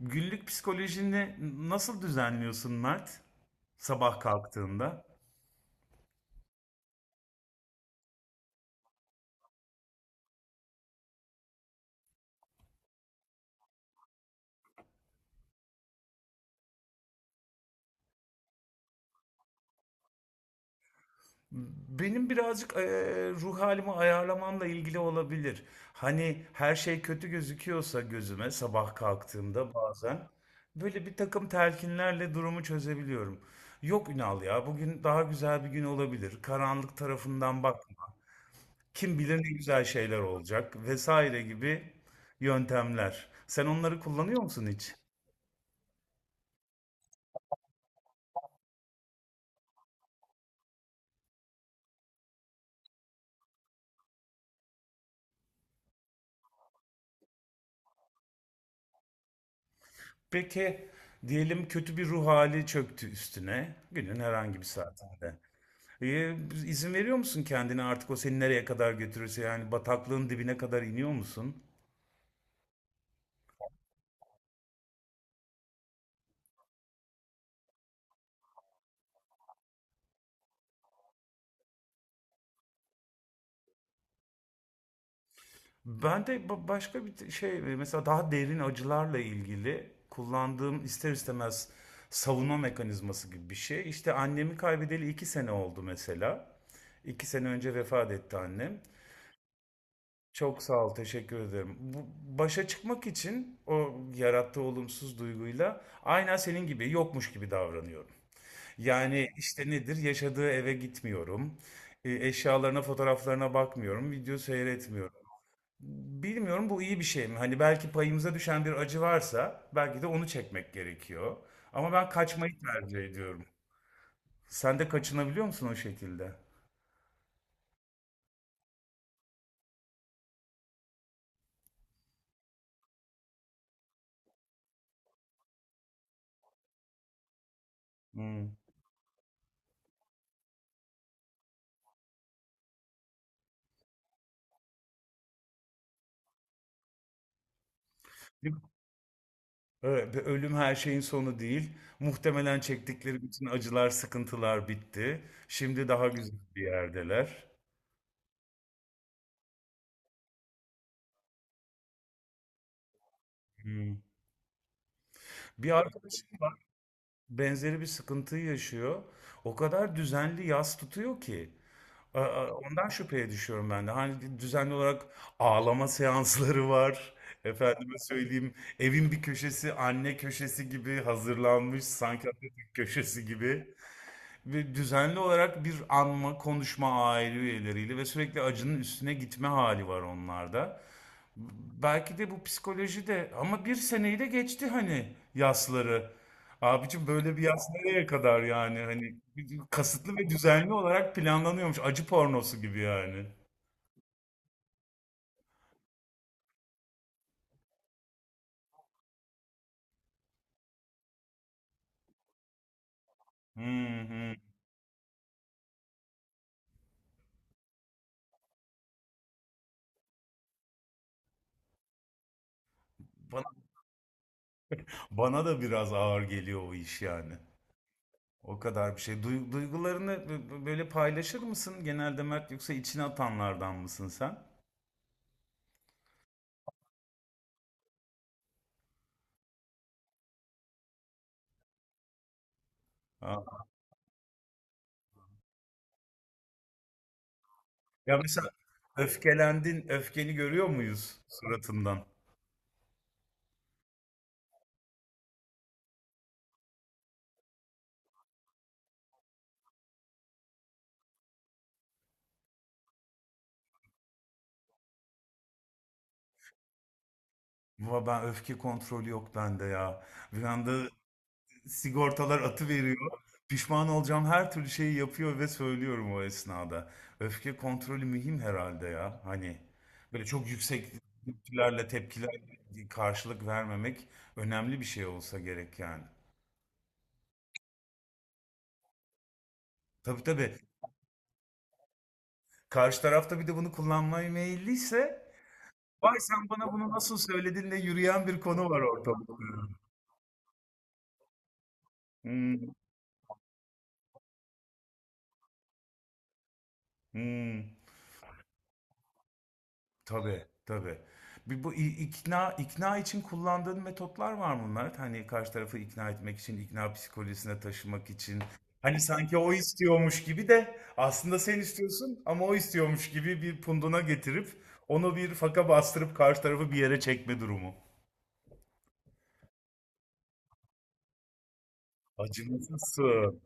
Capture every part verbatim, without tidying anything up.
Günlük psikolojini nasıl düzenliyorsun Mert? Sabah kalktığında. Benim birazcık eee, ruh halimi ayarlamamla ilgili olabilir. Hani her şey kötü gözüküyorsa gözüme sabah kalktığımda bazen böyle bir takım telkinlerle durumu çözebiliyorum. Yok Ünal ya bugün daha güzel bir gün olabilir. Karanlık tarafından bakma. Kim bilir ne güzel şeyler olacak vesaire gibi yöntemler. Sen onları kullanıyor musun hiç? Peki diyelim kötü bir ruh hali çöktü üstüne günün herhangi bir saatinde. Ee, izin veriyor musun kendine artık o seni nereye kadar götürürse yani bataklığın dibine kadar iniyor musun? Ben de ba- başka bir şey mesela daha derin acılarla ilgili kullandığım ister istemez savunma mekanizması gibi bir şey. İşte annemi kaybedeli iki sene oldu mesela. İki sene önce vefat etti annem. Çok sağ ol, teşekkür ederim. Bu, başa çıkmak için o yarattığı olumsuz duyguyla aynen senin gibi yokmuş gibi davranıyorum. Yani işte nedir? Yaşadığı eve gitmiyorum. E, Eşyalarına, fotoğraflarına bakmıyorum. Video seyretmiyorum. Bilmiyorum bu iyi bir şey mi? Hani belki payımıza düşen bir acı varsa belki de onu çekmek gerekiyor. Ama ben kaçmayı tercih ediyorum. Sen de kaçınabiliyor musun o şekilde? Hmm. Evet, ve ölüm her şeyin sonu değil. Muhtemelen çektikleri bütün acılar, sıkıntılar bitti. Şimdi daha güzel bir yerdeler. Hmm. Bir arkadaşım var, benzeri bir sıkıntıyı yaşıyor. O kadar düzenli yas tutuyor ki. A- a- Ondan şüpheye düşüyorum ben de. Hani düzenli olarak ağlama seansları var. Efendime söyleyeyim, evin bir köşesi anne köşesi gibi hazırlanmış, sanki Atatürk köşesi gibi. Ve düzenli olarak bir anma, konuşma aile üyeleriyle ve sürekli acının üstüne gitme hali var onlarda. Belki de bu psikoloji de ama bir seneyi de geçti hani yasları. Abicim böyle bir yas nereye kadar yani hani kasıtlı ve düzenli olarak planlanıyormuş acı pornosu gibi yani. Hı hı. Bana, bana da biraz ağır geliyor o iş yani. O kadar bir şey. Duy- duygularını b- b- böyle paylaşır mısın genelde Mert yoksa içine atanlardan mısın sen? Ya mesela öfkelendin, öfkeni görüyor muyuz suratından? Baba ben öfke kontrolü yok bende ya. Bir anda sigortalar atı veriyor. Pişman olacağım her türlü şeyi yapıyor ve söylüyorum o esnada. Öfke kontrolü mühim herhalde ya. Hani böyle çok yüksek tepkilerle tepkiler karşılık vermemek önemli bir şey olsa gerek yani. Tabii, tabii. Karşı tarafta bir de bunu kullanmaya meyilliyse vay sen bana bunu nasıl söyledin de yürüyen bir konu var ortalıkta. Hmm, hmm. Tabii, tabii. Bir bu i- ikna ikna için kullandığın metotlar var mı Mert? Hani karşı tarafı ikna etmek için, ikna psikolojisine taşımak için. Hani sanki o istiyormuş gibi de aslında sen istiyorsun ama o istiyormuş gibi bir punduna getirip onu bir faka bastırıp karşı tarafı bir yere çekme durumu. Acımasızsın.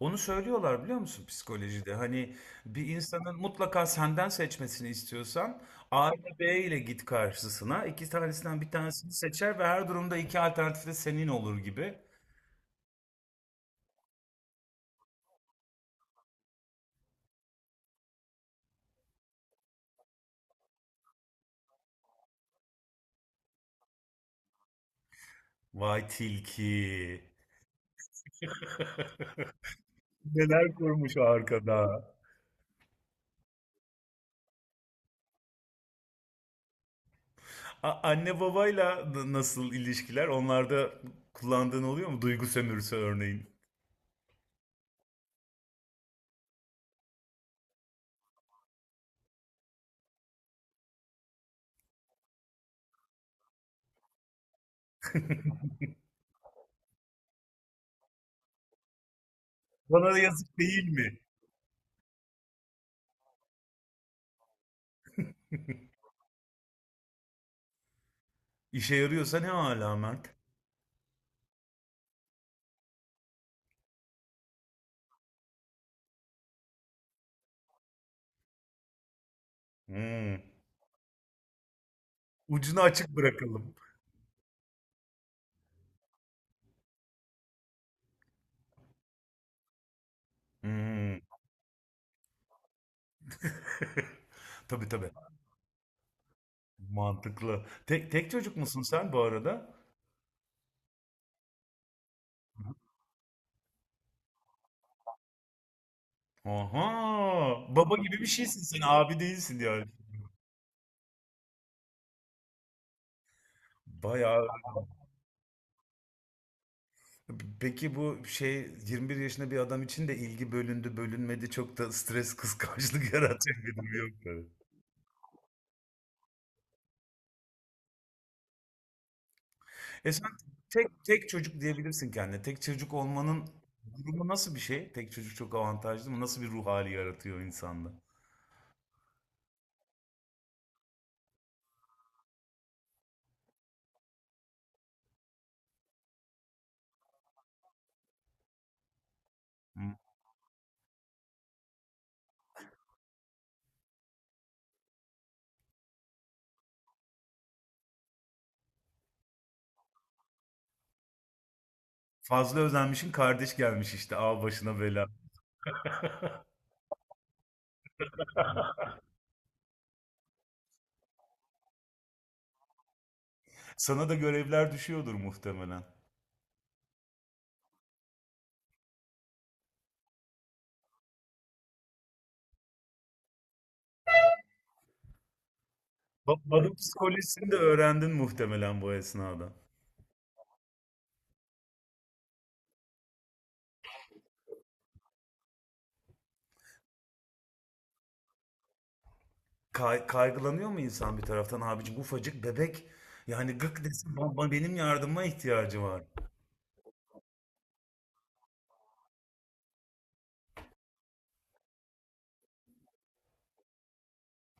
Onu söylüyorlar biliyor musun psikolojide? Hani bir insanın mutlaka senden seçmesini istiyorsan A ile B ile git karşısına. İki tanesinden bir tanesini seçer ve her durumda iki alternatif de senin olur gibi. Vay tilki. Neler kurmuş arkada. A- anne babayla da nasıl ilişkiler? Onlarda kullandığın oluyor mu? Duygu sömürüsü örneğin. Bana da yazık değil mi? İşe yarıyorsa ne hala Mert? Hmm. Ucunu açık bırakalım. Hmm. Tabii, tabii. Mantıklı. Tek, tek çocuk musun sen bu arada? Aha. Baba gibi bir şeysin sen. Abi değilsin yani. Bayağı. Peki bu şey yirmi bir yaşında bir adam için de ilgi bölündü bölünmedi çok da stres kıskançlık yaratan bir durum yok tabii. E sen tek, tek çocuk diyebilirsin kendine. Tek çocuk olmanın durumu nasıl bir şey? Tek çocuk çok avantajlı mı? Nasıl bir ruh hali yaratıyor insanda? Fazla özenmişin kardeş gelmiş işte al başına bela. Sana da görevler düşüyordur muhtemelen. Babanın psikolojisini de öğrendin muhtemelen bu esnada. Kay- kaygılanıyor mu insan bir taraftan abicim ufacık bebek yani gık desin baba benim yardıma ihtiyacı var.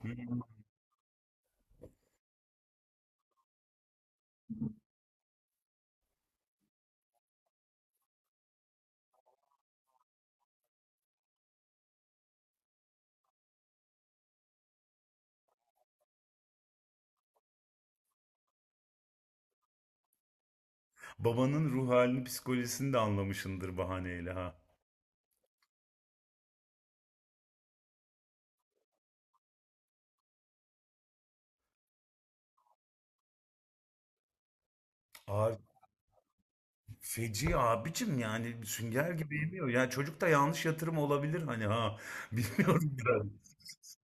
Hı. Babanın ruh halini psikolojisini de anlamışındır bahaneyle ha. Feci abicim yani sünger gibi yemiyor. Yani çocuk da yanlış yatırım olabilir hani ha. Bilmiyorum ben.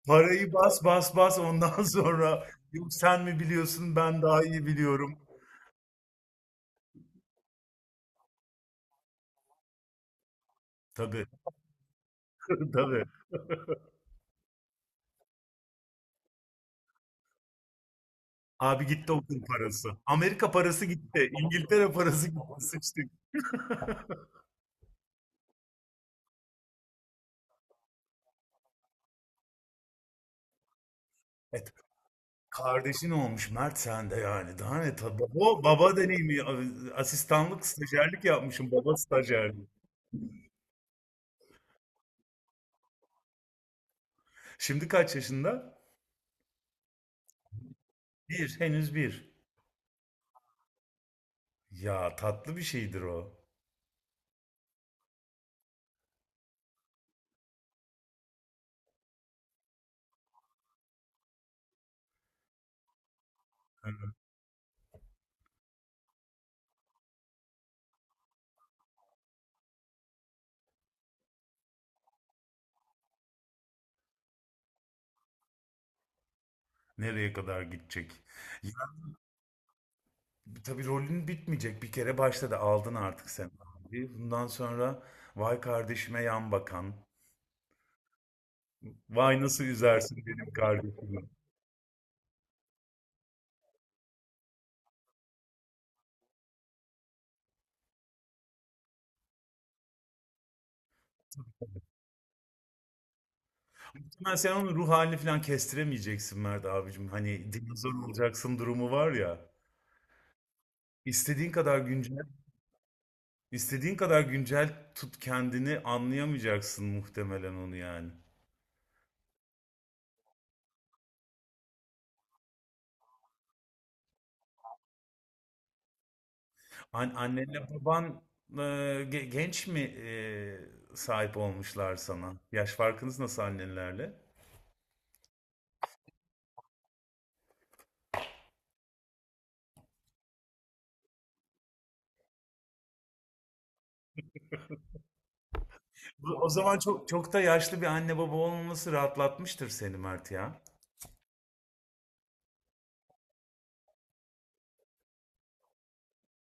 Parayı bas bas bas ondan sonra yok sen mi biliyorsun ben daha iyi biliyorum. Tabii tabii. Abi gitti okul parası. Amerika parası gitti. İngiltere parası gitti. Sıçtık. Evet, kardeşin olmuş Mert sen de yani. Daha ne tabii. Baba, baba deneyimi. Asistanlık, stajyerlik yapmışım. Baba stajyerlik. Şimdi kaç yaşında? Bir. Henüz bir. Ya tatlı bir şeydir o. Nereye kadar gidecek? Ya tabii rolün bitmeyecek. Bir kere başladı. Aldın artık sen abi. Bundan sonra vay kardeşime yan bakan. Vay nasıl üzersin benim kardeşimi. Muhtemelen sen onun ruh halini falan kestiremeyeceksin Mert abicim. Hani dinozor olacaksın durumu var ya. İstediğin kadar güncel, istediğin kadar güncel tut kendini anlayamayacaksın muhtemelen onu yani. An annenle baban e, ge- genç mi e, sahip olmuşlar sana? Yaş farkınız nasıl annenlerle? Bu- O zaman çok çok da yaşlı bir anne baba olmaması rahatlatmıştır seni Mert ya.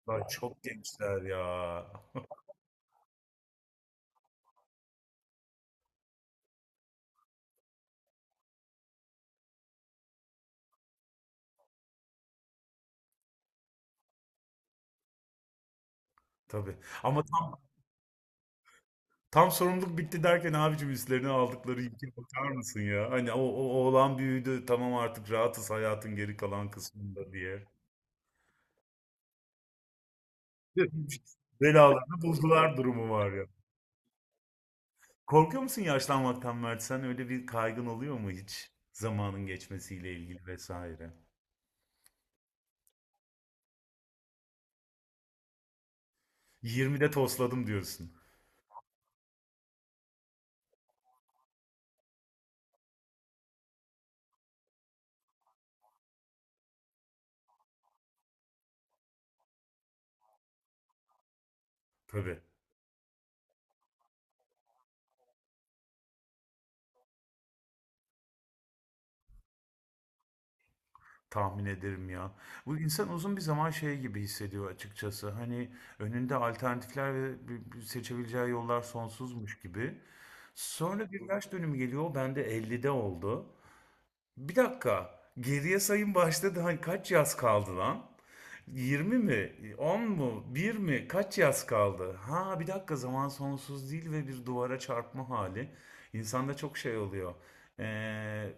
Vay, çok gençler ya. Tabii. Ama tam Tam sorumluluk bitti derken abicim üstlerine aldıkları yükü bakar mısın ya? Hani o, o oğlan büyüdü tamam artık rahatız hayatın geri kalan kısmında diye. Belalarını buldular durumu var ya. Korkuyor musun yaşlanmaktan Mert sen? Öyle bir kaygın oluyor mu hiç? Zamanın geçmesiyle ilgili vesaire. yirmide tosladım diyorsun. Tabii. Tahmin ederim ya. Bu insan uzun bir zaman şey gibi hissediyor açıkçası. Hani önünde alternatifler ve bir- bir seçebileceği yollar sonsuzmuş gibi. Sonra bir yaş dönümü geliyor. Ben de ellide oldu. Bir dakika. Geriye sayım başladı. Hani kaç yaz kaldı lan? Yirmi mi? On mu? Bir mi? Kaç yaz kaldı? Ha bir dakika zaman sonsuz değil ve bir duvara çarpma hali. İnsanda çok şey oluyor. Ee,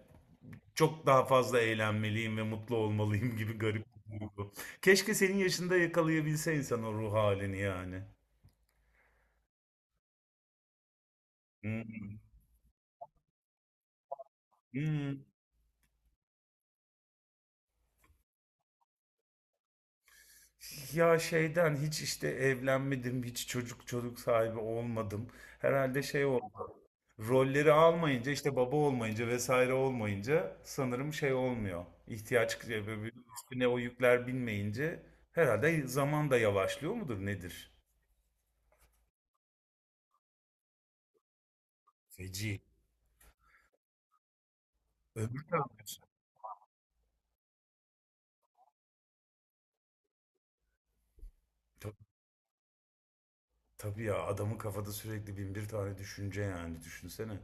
çok daha fazla eğlenmeliyim ve mutlu olmalıyım gibi garip bir duygu. Keşke senin yaşında yakalayabilse insan o ruh halini yani. Hı hı. Ya şeyden hiç işte evlenmedim, hiç çocuk çocuk sahibi olmadım. Herhalde şey oldu. Rolleri almayınca işte baba olmayınca vesaire olmayınca sanırım şey olmuyor. İhtiyaç böyle üstüne o yükler binmeyince herhalde zaman da yavaşlıyor mudur nedir? Feci. Ömür de alıyorsun. Ta- Tabii ya adamın kafada sürekli bin bir tane düşünce yani düşünsene.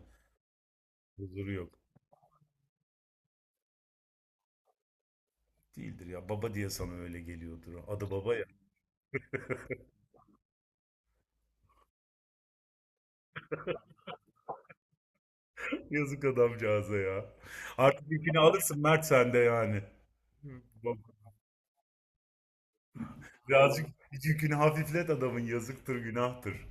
Huzuru yok. Değildir ya baba diye sana öyle geliyordur. Adı baba. Yazık adamcağıza ya. Artık yükünü alırsın Mert sen de yani. Bak, birazcık yükünü hafiflet adamın yazıktır günahtır.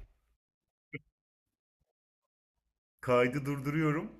Kaydı durduruyorum.